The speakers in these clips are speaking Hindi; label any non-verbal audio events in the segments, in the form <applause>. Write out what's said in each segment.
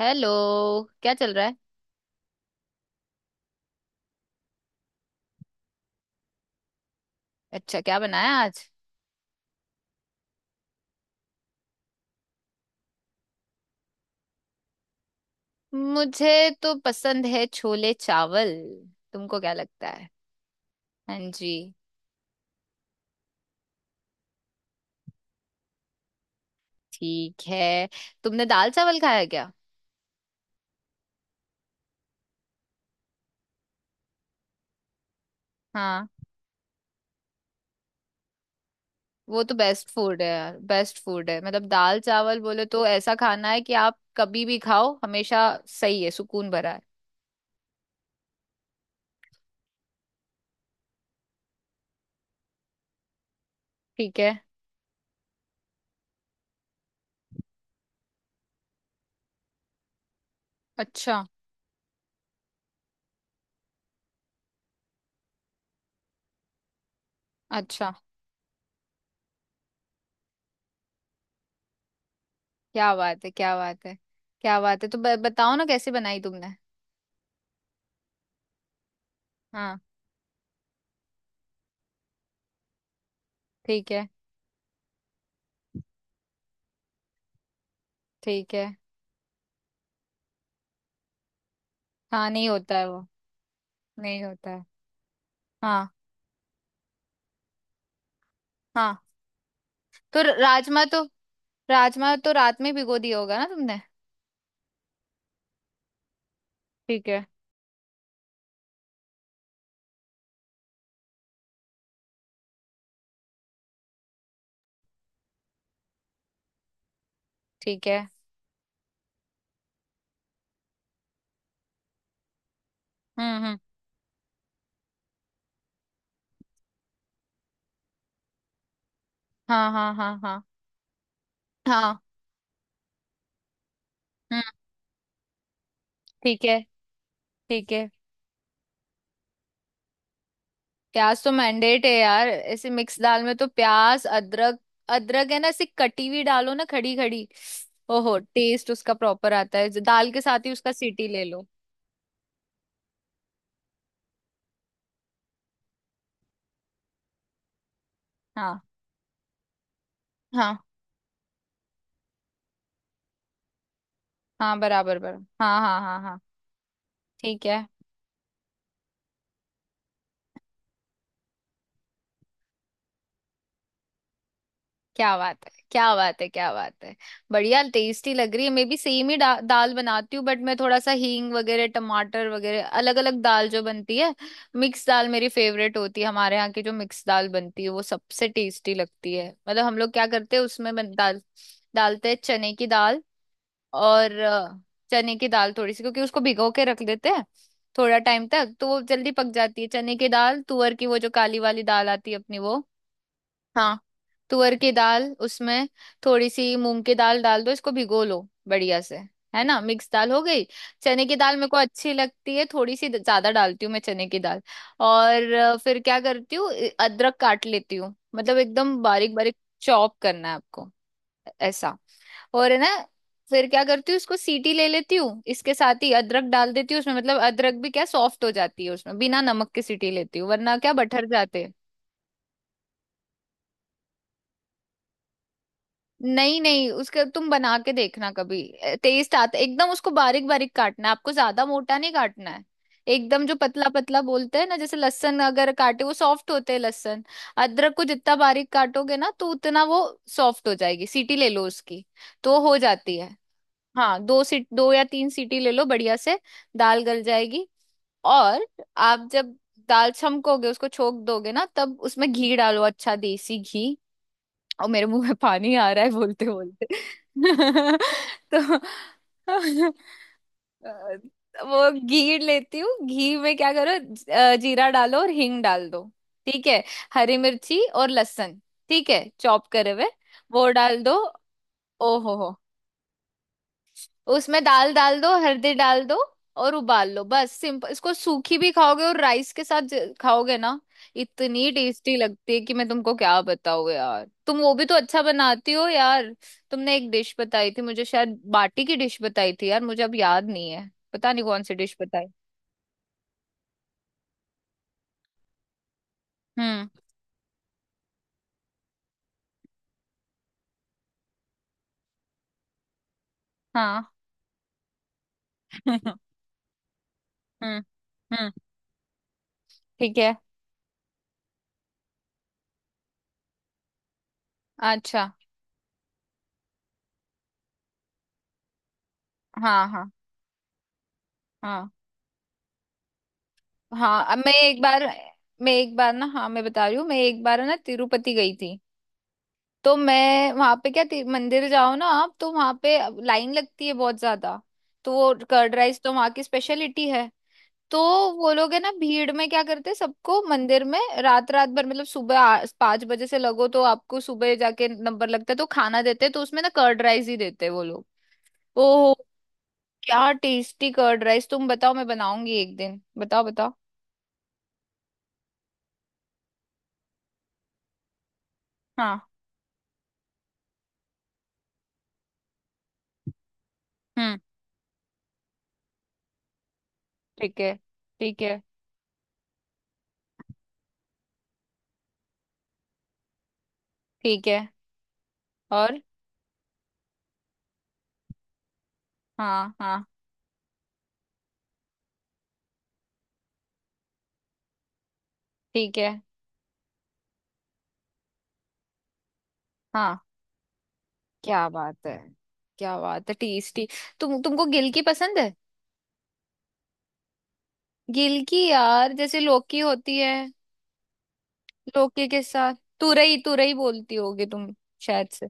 हेलो। क्या चल रहा है? अच्छा, क्या बनाया आज? मुझे तो पसंद है छोले चावल। तुमको क्या लगता है? हाँ जी। ठीक है। तुमने दाल चावल खाया क्या? हाँ। वो तो बेस्ट फूड है यार, बेस्ट फूड है मतलब। दाल चावल बोले तो ऐसा खाना है कि आप कभी भी खाओ, हमेशा। सही है, सुकून भरा है। ठीक है। अच्छा, अच्छा। क्या बात है, क्या बात है, क्या बात है। तो बताओ ना, कैसे बनाई तुमने? हाँ। ठीक है। ठीक है। हाँ नहीं होता है वो। नहीं होता है। हाँ। हाँ तो राजमा तो रात में भिगो दिया होगा ना तुमने? ठीक है। ठीक है। हम्म। हाँ हाँ हाँ हाँ। हाँ। हम्म। ठीक है। ठीक है। प्याज तो मैंडेट है यार, ऐसे मिक्स दाल में तो। प्याज, अदरक, अदरक है ना, ऐसी कटी हुई डालो ना, खड़ी खड़ी। ओहो, टेस्ट उसका प्रॉपर आता है, जो दाल के साथ ही उसका सीटी ले लो। हाँ हाँ। हाँ बराबर बराबर, हाँ हाँ हाँ हाँ। ठीक है। क्या बात है, क्या बात है, क्या बात है। बढ़िया टेस्टी लग रही है। मैं भी सेम ही दाल बनाती हूँ, बट मैं थोड़ा सा हींग वगैरह, टमाटर वगैरह। अलग अलग दाल जो बनती है, मिक्स दाल मेरी फेवरेट होती है। हमारे यहाँ की जो मिक्स दाल बनती है वो सबसे टेस्टी लगती है। मतलब हम लोग क्या करते हैं उसमें दाल डालते हैं, चने की दाल। और चने की दाल थोड़ी सी, क्योंकि उसको भिगो के रख देते हैं थोड़ा टाइम तक, तो वो जल्दी पक जाती है चने की दाल। तुअर की, वो जो काली वाली दाल आती है अपनी, वो। हाँ। तुअर की दाल, उसमें थोड़ी सी मूंग की दाल डाल दो, इसको भिगो लो बढ़िया से, है ना, मिक्स दाल हो गई। चने की दाल मेरे को अच्छी लगती है, थोड़ी सी ज्यादा डालती हूँ मैं चने की दाल। और फिर क्या करती हूँ? अदरक काट लेती हूँ, मतलब एकदम बारीक बारीक चॉप करना है आपको, ऐसा। और है ना, फिर क्या करती हूँ, इसको सीटी ले लेती हूँ, इसके साथ ही अदरक डाल देती हूँ उसमें, मतलब अदरक भी क्या सॉफ्ट हो जाती है उसमें। बिना नमक के सीटी लेती हूँ, वरना क्या बटर जाते हैं। नहीं नहीं, उसका तुम बना के देखना कभी, टेस्ट आता एकदम। उसको बारीक बारीक काटना है आपको, ज्यादा मोटा नहीं काटना है, एकदम जो पतला पतला बोलते हैं ना। जैसे लहसुन अगर काटे, वो सॉफ्ट होते हैं लहसुन। अदरक को जितना बारीक काटोगे ना, तो उतना वो सॉफ्ट हो जाएगी, सीटी ले लो उसकी, तो हो जाती है। हाँ, दो या तीन सीटी ले लो बढ़िया से, दाल गल जाएगी। और आप जब दाल छमकोगे, उसको छोक दोगे ना, तब उसमें घी डालो, अच्छा देसी घी। और मेरे मुंह में पानी आ रहा है बोलते बोलते। <laughs> तो अ, वो घी लेती हूँ, घी में क्या करो, जीरा डालो और हींग डाल दो। ठीक है। हरी मिर्ची और लहसुन, ठीक है, चॉप करे हुए, वो डाल दो। ओ हो हो। उसमें दाल डाल दो, हल्दी डाल दो और उबाल लो, बस सिंपल। इसको सूखी भी खाओगे और राइस के साथ खाओगे ना, इतनी टेस्टी लगती है कि मैं तुमको क्या बताऊँ यार। तुम वो भी तो अच्छा बनाती हो यार, तुमने एक डिश बताई थी मुझे, शायद बाटी की डिश बताई थी यार, मुझे अब याद नहीं है, पता नहीं कौन सी डिश बताई। हम्म। हाँ। <laughs> हम्म हम्म। ठीक है। अच्छा। हाँ हाँ हाँ हाँ। अब मैं एक बार, मैं एक बार ना, हाँ मैं बता रही हूँ, मैं एक बार ना तिरुपति गई थी। तो मैं वहां पे क्या, मंदिर जाओ ना आप, तो वहां पे लाइन लगती है बहुत ज्यादा। तो वो कर्ड राइस तो वहां की स्पेशलिटी है। तो वो लोग है ना, भीड़ में क्या करते हैं, सबको मंदिर में रात रात भर, मतलब सुबह 5 बजे से लगो तो आपको सुबह जाके नंबर लगता है, तो खाना देते हैं, तो उसमें ना कर्ड राइस ही देते हैं वो लोग। ओह, क्या टेस्टी कर्ड राइस। तुम बताओ, मैं बनाऊंगी एक दिन, बताओ बताओ। हाँ। हम्म। ठीक है। ठीक है। ठीक है। और। हाँ हाँ। ठीक है। हाँ। क्या बात है, क्या बात है, टेस्टी। तुमको गिलकी पसंद है? गिलकी यार, जैसे लौकी होती है, लौकी के साथ। तुरई, तुरई बोलती होगी तुम शायद से।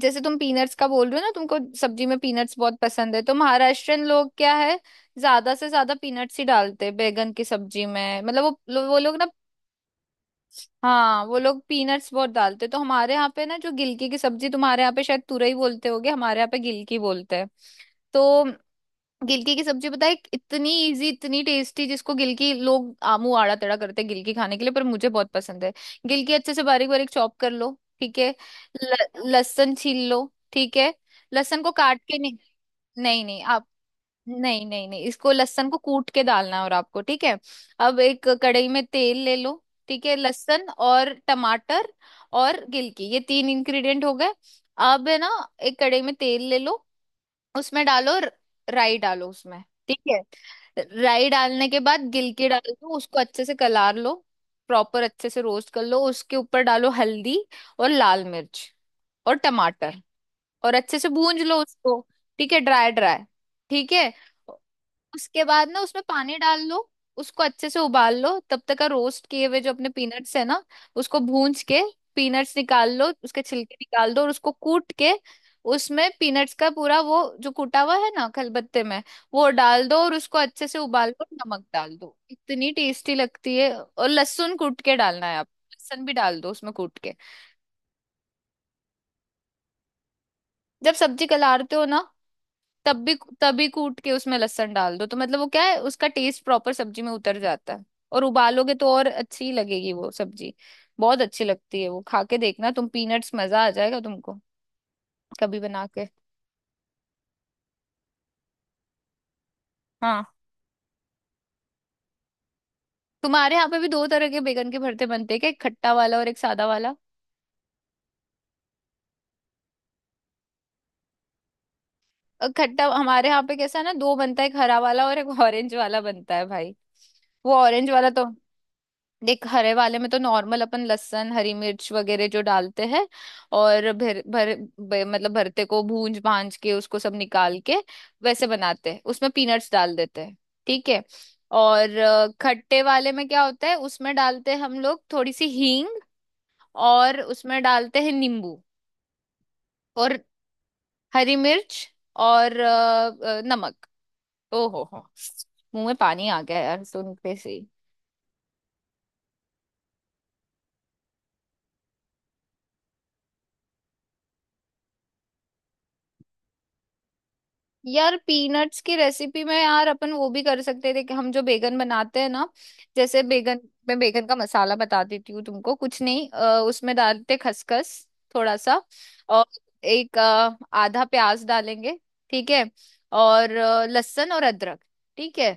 जैसे तुम पीनट्स का बोल रहे हो ना, तुमको सब्जी में पीनट्स बहुत पसंद है, तो महाराष्ट्रियन लोग क्या है, ज्यादा से ज्यादा पीनट्स ही डालते हैं बैंगन की सब्जी में। मतलब वो लोग ना, हाँ, वो लोग पीनट्स बहुत डालते हैं। तो हमारे यहाँ पे ना जो गिलकी की सब्जी, तुम्हारे यहाँ पे शायद तुरई बोलते होगे, हमारे यहाँ पे गिलकी बोलते हैं। तो गिलकी की सब्जी बताए, इतनी इजी, इतनी टेस्टी, जिसको गिलकी लोग आमू आड़ा तड़ा करते हैं गिलकी खाने के लिए, पर मुझे बहुत पसंद है। गिलकी अच्छे से बारीक बारीक चॉप कर लो, ठीक है। ल- लहसुन छील लो, ठीक है, लहसुन को काट के नहीं। नहीं नहीं आप, नहीं नहीं नहीं, इसको लहसुन को कूट के डालना है। और आपको, ठीक है, अब एक कढ़ाई में तेल ले लो, ठीक है। लहसुन और टमाटर और गिलकी, ये तीन इंग्रेडिएंट हो गए। अब है ना, एक कढ़ाई में तेल ले लो, उसमें डालो राई, डालो उसमें, ठीक है। राई डालने के बाद गिलकी डाल दो, उसको अच्छे से कलार लो, प्रॉपर अच्छे से रोस्ट कर लो। उसके ऊपर डालो हल्दी और लाल मिर्च और टमाटर, और अच्छे से भूंज लो उसको, ठीक है, ड्राई ड्राई, ठीक है। उसके बाद ना उसमें पानी डाल लो, उसको अच्छे से उबाल लो। तब तक का रोस्ट किए हुए जो अपने पीनट्स है ना, उसको भूंज के पीनट्स निकाल लो, उसके छिलके निकाल दो और उसको कूट के, उसमें पीनट्स का पूरा वो जो कूटा हुआ है ना खलबत्ते में, वो डाल दो और उसको अच्छे से उबाल दो, नमक डाल दो। इतनी टेस्टी लगती है। और लहसुन कूट के डालना है, आप लहसुन भी डाल दो उसमें कूट के। जब सब्जी कलारते हो ना, तब भी, कूट के उसमें लहसुन डाल दो, तो मतलब वो क्या है, उसका टेस्ट प्रॉपर सब्जी में उतर जाता है। और उबालोगे तो और अच्छी लगेगी वो सब्जी, बहुत अच्छी लगती है, वो खा के देखना तुम, पीनट्स। मजा आ जाएगा तुमको कभी बना के। हाँ, तुम्हारे यहाँ पे भी दो तरह के बैगन के भरते बनते हैं क्या, एक खट्टा वाला और एक सादा वाला? खट्टा हमारे यहाँ पे कैसा है ना, दो बनता है, एक हरा वाला और एक ऑरेंज वाला बनता है भाई। वो ऑरेंज वाला तो, देख, हरे वाले में तो नॉर्मल अपन लहसुन हरी मिर्च वगैरह जो डालते हैं, और भर भर ब- मतलब भरते को भूंज भांज के, उसको सब निकाल के, वैसे बनाते हैं, उसमें पीनट्स डाल देते हैं, ठीक है। और खट्टे वाले में क्या होता है, उसमें डालते हैं हम लोग थोड़ी सी हींग, और उसमें डालते हैं नींबू और हरी मिर्च और नमक। ओ हो, मुंह में पानी आ गया यार सुन के से। यार पीनट्स की रेसिपी में यार, अपन वो भी कर सकते थे कि हम जो बेगन बनाते हैं ना, जैसे बेगन। मैं बेगन का मसाला बता देती हूँ तुमको, कुछ नहीं, उसमें डालते खसखस थोड़ा सा, और एक आधा प्याज डालेंगे, ठीक है, और लहसुन और अदरक, ठीक है।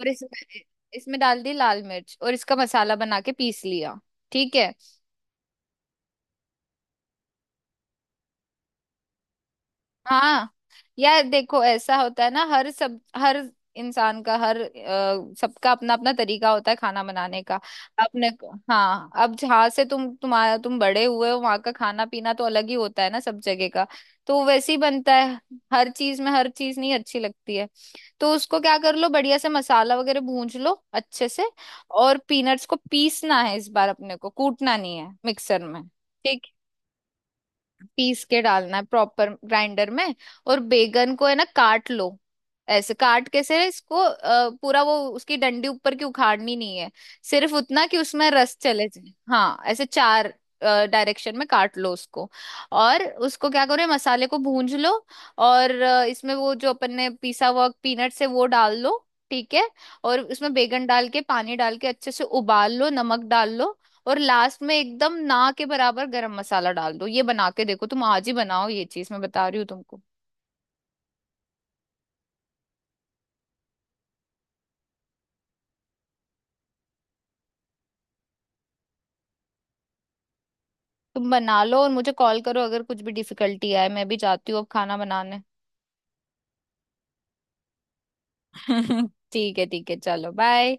और इसमें, इसमें डाल दी लाल मिर्च और इसका मसाला बना के पीस लिया, ठीक है। हाँ, यार देखो, ऐसा होता है ना, हर सब, हर इंसान का, हर सबका अपना अपना तरीका होता है खाना बनाने का। अपने को, हाँ, अब जहाँ से तुम, तुम्हारा, तुम बड़े हुए हो वहाँ का खाना पीना तो अलग ही होता है ना, सब जगह का, तो वैसे ही बनता है। हर चीज में हर चीज नहीं अच्छी लगती है। तो उसको क्या कर लो, बढ़िया से मसाला वगैरह भून लो अच्छे से। और पीनट्स को पीसना है इस बार, अपने को कूटना नहीं है, मिक्सर में। ठीक, पीस के डालना है प्रॉपर ग्राइंडर में। और बैगन को है ना काट लो, ऐसे काट, कैसे, इसको पूरा वो, उसकी डंडी ऊपर की उखाड़नी नहीं है, सिर्फ उतना कि उसमें रस चले जाए। हाँ, ऐसे चार डायरेक्शन में काट लो उसको। और उसको क्या करो, ये मसाले को भूंज लो, और इसमें वो जो अपन ने पिसा हुआ पीनट्स है वो डाल लो, ठीक है। और उसमें बैगन डाल के पानी डाल के अच्छे से उबाल लो, नमक डाल लो, और लास्ट में एकदम ना के बराबर गरम मसाला डाल दो। ये बना के देखो, तुम आज ही बनाओ ये चीज, मैं बता रही हूँ तुमको। तुम बना लो और मुझे कॉल करो, अगर कुछ भी डिफिकल्टी आए। मैं भी जाती हूँ अब खाना बनाने। <laughs> ठीक है, ठीक है, चलो बाय।